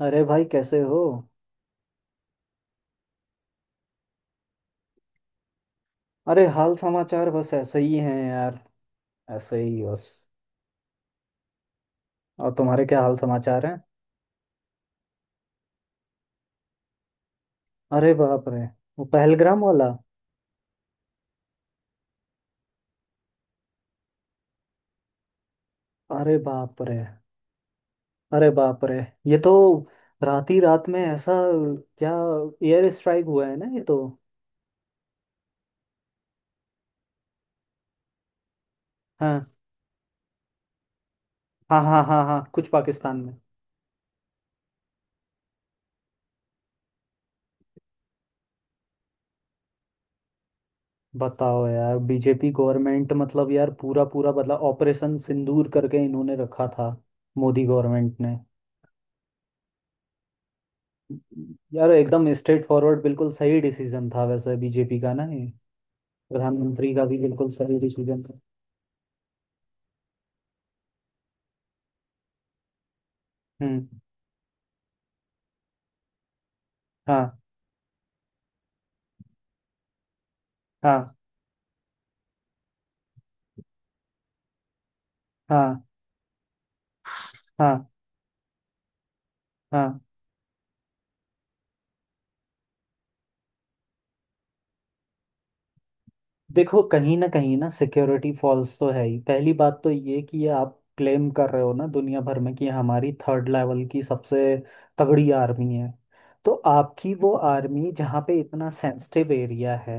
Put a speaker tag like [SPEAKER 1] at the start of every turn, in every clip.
[SPEAKER 1] अरे भाई कैसे हो। अरे हाल समाचार बस ऐसे ही हैं यार। ऐसे ही बस। और तुम्हारे क्या हाल समाचार हैं? अरे बाप रे, वो पहलग्राम वाला। अरे बाप रे। अरे बाप रे, ये तो रात ही रात में ऐसा क्या एयर स्ट्राइक हुआ है ना, ये तो। हाँ, हाँ, हाँ, हाँ, हाँ, कुछ पाकिस्तान में। बताओ यार, बीजेपी गवर्नमेंट मतलब यार, पूरा पूरा बदला ऑपरेशन सिंदूर करके इन्होंने रखा था, मोदी गवर्नमेंट ने। यार एकदम स्ट्रेट फॉरवर्ड बिल्कुल सही डिसीजन था वैसे बीजेपी का ना, ये प्रधानमंत्री का भी बिल्कुल सही डिसीजन था। हम्म। हाँ, हाँ, हाँ, हाँ, हाँ। देखो, कहीं ना सिक्योरिटी फॉल्स तो है ही। पहली बात तो ये कि ये आप क्लेम कर रहे हो ना दुनिया भर में कि हमारी थर्ड लेवल की सबसे तगड़ी आर्मी है। तो आपकी वो आर्मी, जहाँ पे इतना सेंसिटिव एरिया है,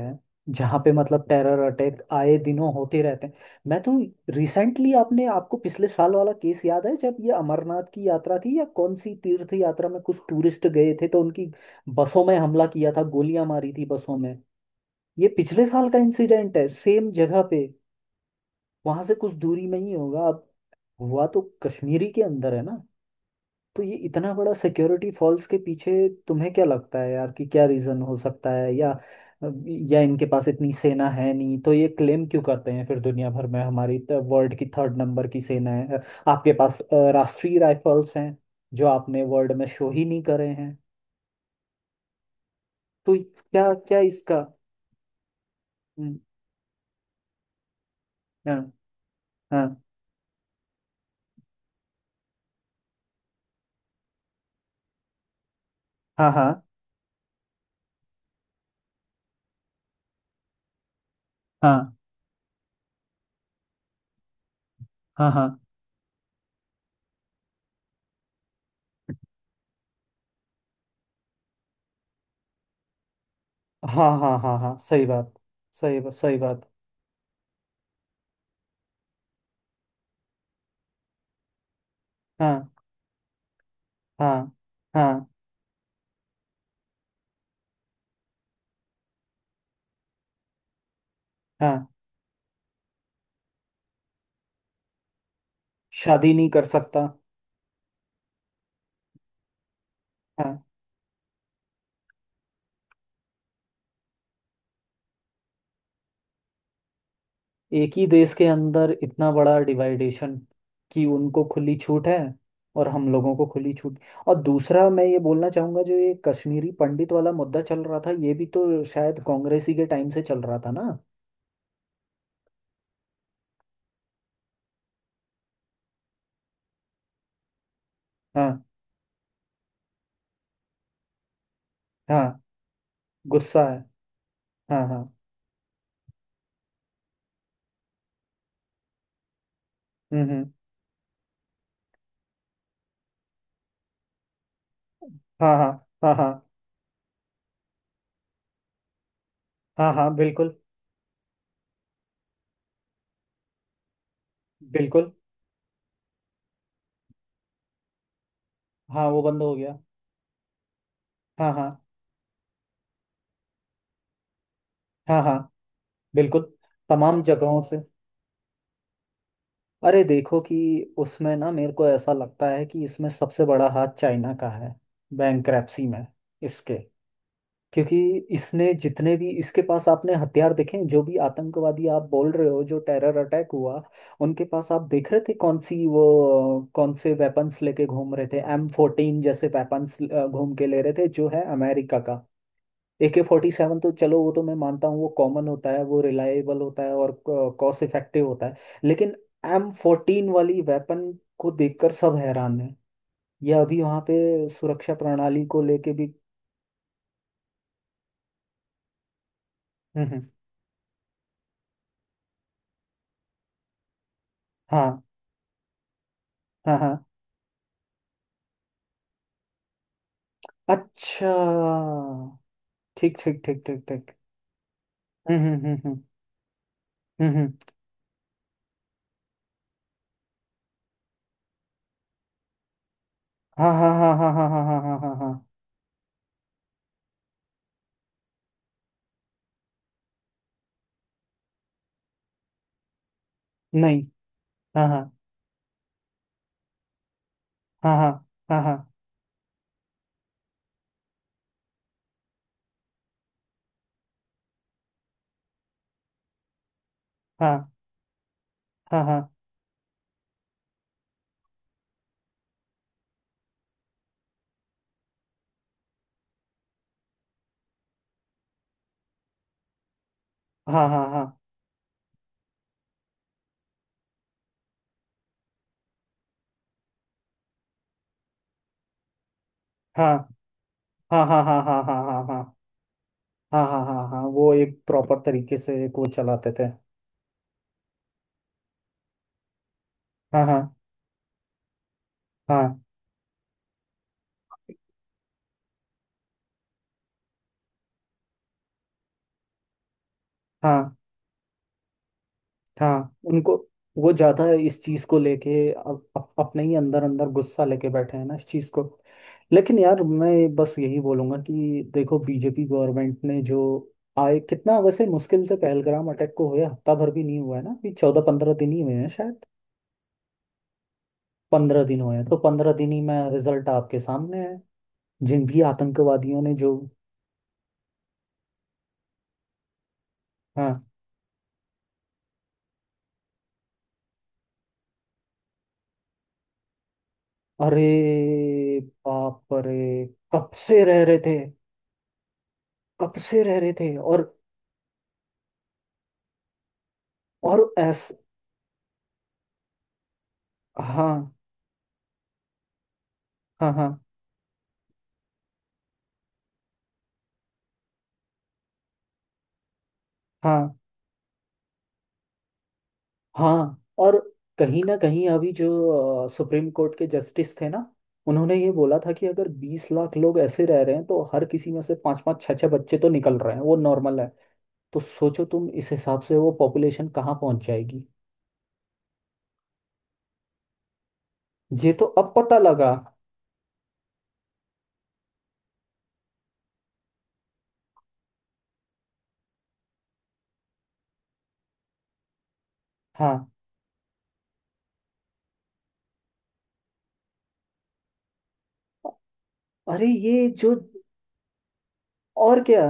[SPEAKER 1] जहाँ पे मतलब टेरर अटैक आए दिनों होते रहते हैं। मैं तो रिसेंटली, आपने आपको पिछले साल वाला केस याद है, जब ये अमरनाथ की यात्रा थी या कौन सी तीर्थ यात्रा में कुछ टूरिस्ट गए थे तो उनकी बसों में हमला किया था, गोलियां मारी थी बसों में। ये पिछले साल का इंसिडेंट है, सेम जगह पे। वहां से कुछ दूरी में ही होगा। अब हुआ तो कश्मीरी के अंदर है ना। तो ये इतना बड़ा सिक्योरिटी फॉल्स के पीछे तुम्हें क्या लगता है यार, कि क्या रीजन हो सकता है, या इनके पास इतनी सेना है नहीं, तो ये क्लेम क्यों करते हैं फिर दुनिया भर में हमारी वर्ल्ड की थर्ड नंबर की सेना है। आपके पास राष्ट्रीय राइफल्स हैं, जो आपने वर्ल्ड में शो ही नहीं करे हैं। तो क्या क्या इसका? हम्म, हाँ, हाँ, हाँ, हाँ, हाँ, हाँ, हाँ, हाँ, हाँ, हाँ, हाँ, सही बात, सही बात, सही बात। हाँ, हाँ, हाँ, हाँ, शादी नहीं कर सकता। हाँ, एक ही देश के अंदर इतना बड़ा डिवाइडेशन, कि उनको खुली छूट है, और हम लोगों को खुली छूट। और दूसरा मैं ये बोलना चाहूंगा, जो ये कश्मीरी पंडित वाला मुद्दा चल रहा था, ये भी तो शायद कांग्रेस ही के टाइम से चल रहा था ना। हाँ, हाँ, गुस्सा है। हाँ, हाँ। हम्म, हम्म, हाँ, हाँ, हाँ, हाँ, हाँ, हाँ, बिल्कुल, बिल्कुल। हाँ, वो बंद हो गया। हाँ, हाँ, हाँ, हाँ, बिल्कुल। तमाम जगहों से। अरे देखो कि उसमें ना मेरे को ऐसा लगता है कि इसमें सबसे बड़ा हाथ चाइना का है, बैंकरप्सी में इसके। क्योंकि इसने जितने भी, इसके पास आपने हथियार देखे हैं, जो भी आतंकवादी आप बोल रहे हो, जो टेरर अटैक हुआ, उनके पास आप देख रहे थे कौन सी वो कौन से वेपन्स लेके घूम रहे थे, M14 जैसे वेपन्स घूम के ले रहे थे जो है अमेरिका का। AK-47 तो चलो वो तो मैं मानता हूँ, वो कॉमन होता है, वो रिलायबल होता है, और कॉस्ट इफेक्टिव होता है। लेकिन M14 वाली वेपन को देखकर सब हैरान है। यह अभी वहाँ पे सुरक्षा प्रणाली को लेके भी। हम्म, हाँ, हाँ, हाँ, अच्छा, ठीक, ठीक, ठीक, ठीक, ठीक। हम्म, हम्म, हम्म, हम्म, हम्म, हम्म, हाँ, हाँ, हाँ, हाँ, हाँ, हाँ, हाँ, हाँ, हाँ, हाँ, नहीं, हाँ, हाँ, हाँ, हाँ, हाँ, हाँ, हाँ, हाँ, हाँ, हाँ, हाँ, हाँ, हाँ, हाँ, हाँ, हाँ, हाँ, हाँ, हाँ, हाँ, हाँ, हाँ, हाँ, हाँ, हाँ, हाँ, वो एक प्रॉपर तरीके से एक वो चलाते थे। हाँ, हाँ, हाँ, हाँ, हाँ, उनको वो ज्यादा इस चीज को लेके, अब अपने ही अंदर अंदर गुस्सा लेके बैठे हैं ना इस चीज को। लेकिन यार मैं बस यही बोलूंगा कि देखो बीजेपी गवर्नमेंट ने जो आए, कितना वैसे मुश्किल से, पहलगाम अटैक को हुए हफ्ता भर भी नहीं हुआ है ना, अभी 14-15 दिन ही हुए हैं शायद। 15 दिन हुए हैं, तो 15 दिन ही में रिजल्ट आपके सामने है। जिन भी आतंकवादियों ने जो, हाँ, अरे बाप रे, कब से रह रहे थे, कब से रह रहे थे? और और ऐस। हाँ, हाँ, हाँ, हाँ, हाँ, और कहीं ना कहीं अभी जो सुप्रीम कोर्ट के जस्टिस थे ना, उन्होंने ये बोला था कि अगर 20 लाख लोग ऐसे रह रहे हैं तो हर किसी में से पांच पांच छह छह बच्चे तो निकल रहे हैं, वो नॉर्मल है। तो सोचो तुम, इस हिसाब से वो पॉपुलेशन कहाँ पहुंच जाएगी? ये तो अब पता लगा। हाँ। अरे ये जो? और क्या।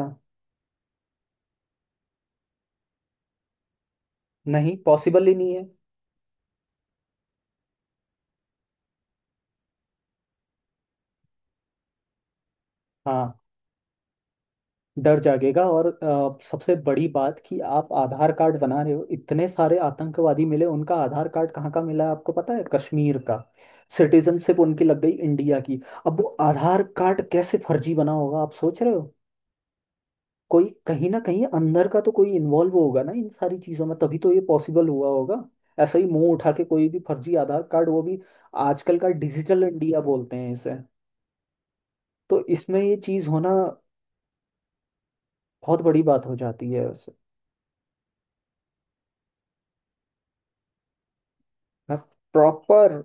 [SPEAKER 1] नहीं, पॉसिबल ही नहीं। हाँ, डर जागेगा, और सबसे बड़ी बात, कि आप आधार कार्ड बना रहे हो, इतने सारे आतंकवादी मिले, उनका आधार कार्ड कहाँ का मिला है आपको पता है? कश्मीर का। सिटीजनशिप उनकी लग गई इंडिया की। अब वो आधार कार्ड कैसे फर्जी बना होगा, आप सोच रहे हो। कोई कहीं ना कहीं अंदर का तो कोई इन्वॉल्व होगा ना इन सारी चीजों में, तभी तो ये पॉसिबल हुआ होगा। ऐसा ही मुंह उठा के कोई भी फर्जी आधार कार्ड, वो भी आजकल का डिजिटल इंडिया बोलते हैं इसे। तो इसमें ये चीज होना बहुत बड़ी बात हो जाती है। हाँ, प्रॉपर।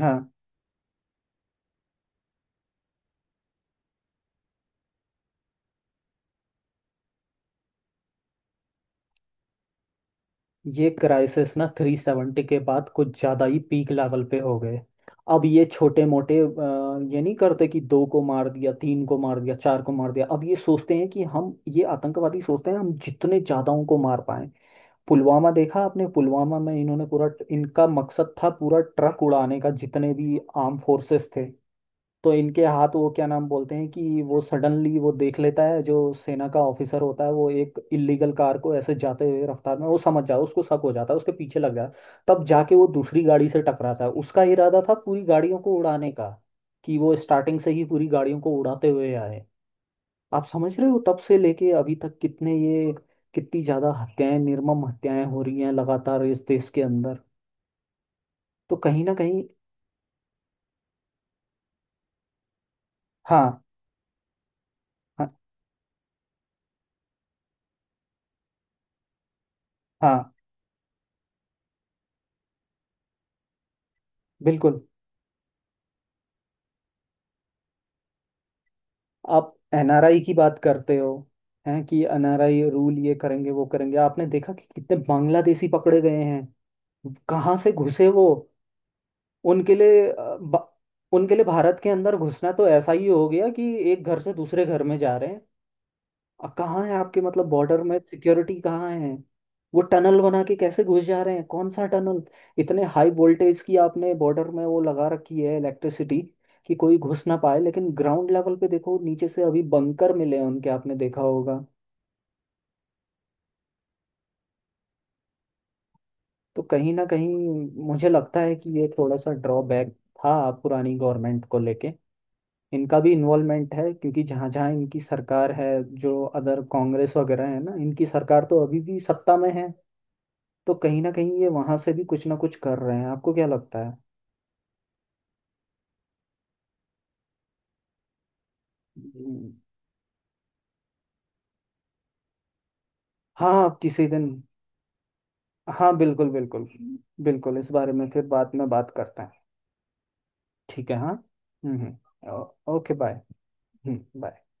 [SPEAKER 1] हाँ, ये क्राइसिस ना 370 के बाद कुछ ज़्यादा ही पीक लेवल पे हो गए। अब ये छोटे मोटे ये नहीं करते कि दो को मार दिया, तीन को मार दिया, चार को मार दिया, अब ये सोचते हैं कि हम, ये आतंकवादी सोचते हैं, हम जितने ज़्यादाओं को मार पाएं। पुलवामा देखा आपने? पुलवामा में इन्होंने पूरा, इनका मकसद था पूरा ट्रक उड़ाने का, जितने भी आर्म फोर्सेस थे। तो इनके हाथ वो क्या नाम बोलते हैं, कि वो सडनली वो देख लेता है, जो सेना का ऑफिसर होता है, वो एक इल्लीगल कार को ऐसे जाते हुए रफ्तार में वो समझ जाता है, उसको शक हो जाता है, उसके पीछे लग जाता है, तब जाके वो दूसरी गाड़ी से टकराता है। उसका इरादा था पूरी गाड़ियों को उड़ाने का, कि वो स्टार्टिंग से ही पूरी गाड़ियों को उड़ाते हुए आए। आप समझ रहे हो, तब से लेके अभी तक कितने ये, कितनी ज्यादा हत्याएं, निर्मम हत्याएं हो रही हैं लगातार इस देश के अंदर। तो कहीं ना कहीं। हाँ, हाँ, हाँ, बिल्कुल। आप एनआरआई की बात करते हो, हैं कि एनआरआई रूल ये करेंगे वो करेंगे, आपने देखा कि कितने बांग्लादेशी पकड़े गए हैं, कहाँ से घुसे वो? उनके लिए अ, ब- उनके लिए भारत के अंदर घुसना तो ऐसा ही हो गया कि एक घर से दूसरे घर में जा रहे। कहाँ है आपके मतलब बॉर्डर में सिक्योरिटी, कहाँ है? वो टनल बना के कैसे घुस जा रहे हैं, कौन सा टनल? इतने हाई वोल्टेज की आपने बॉर्डर में वो लगा रखी है इलेक्ट्रिसिटी, कि कोई घुस ना पाए, लेकिन ग्राउंड लेवल पे देखो, नीचे से अभी बंकर मिले हैं उनके, आपने देखा होगा। तो कहीं ना कहीं मुझे लगता है कि ये थोड़ा सा ड्रॉबैक था पुरानी गवर्नमेंट को लेके, इनका भी इन्वॉल्वमेंट है क्योंकि जहाँ जहाँ इनकी सरकार है, जो अदर कांग्रेस वगैरह है ना, इनकी सरकार तो अभी भी सत्ता में है, तो कहीं ना कहीं ये वहां से भी कुछ ना कुछ कर रहे हैं, आपको क्या लगता है? हम्म। हाँ, आप किसी दिन। हाँ बिल्कुल, बिल्कुल। बिल्कुल, इस बारे में फिर बाद में बात करते हैं। ठीक है, हाँ। हम्म, हम्म, ओके, बाय। Hmm, bye.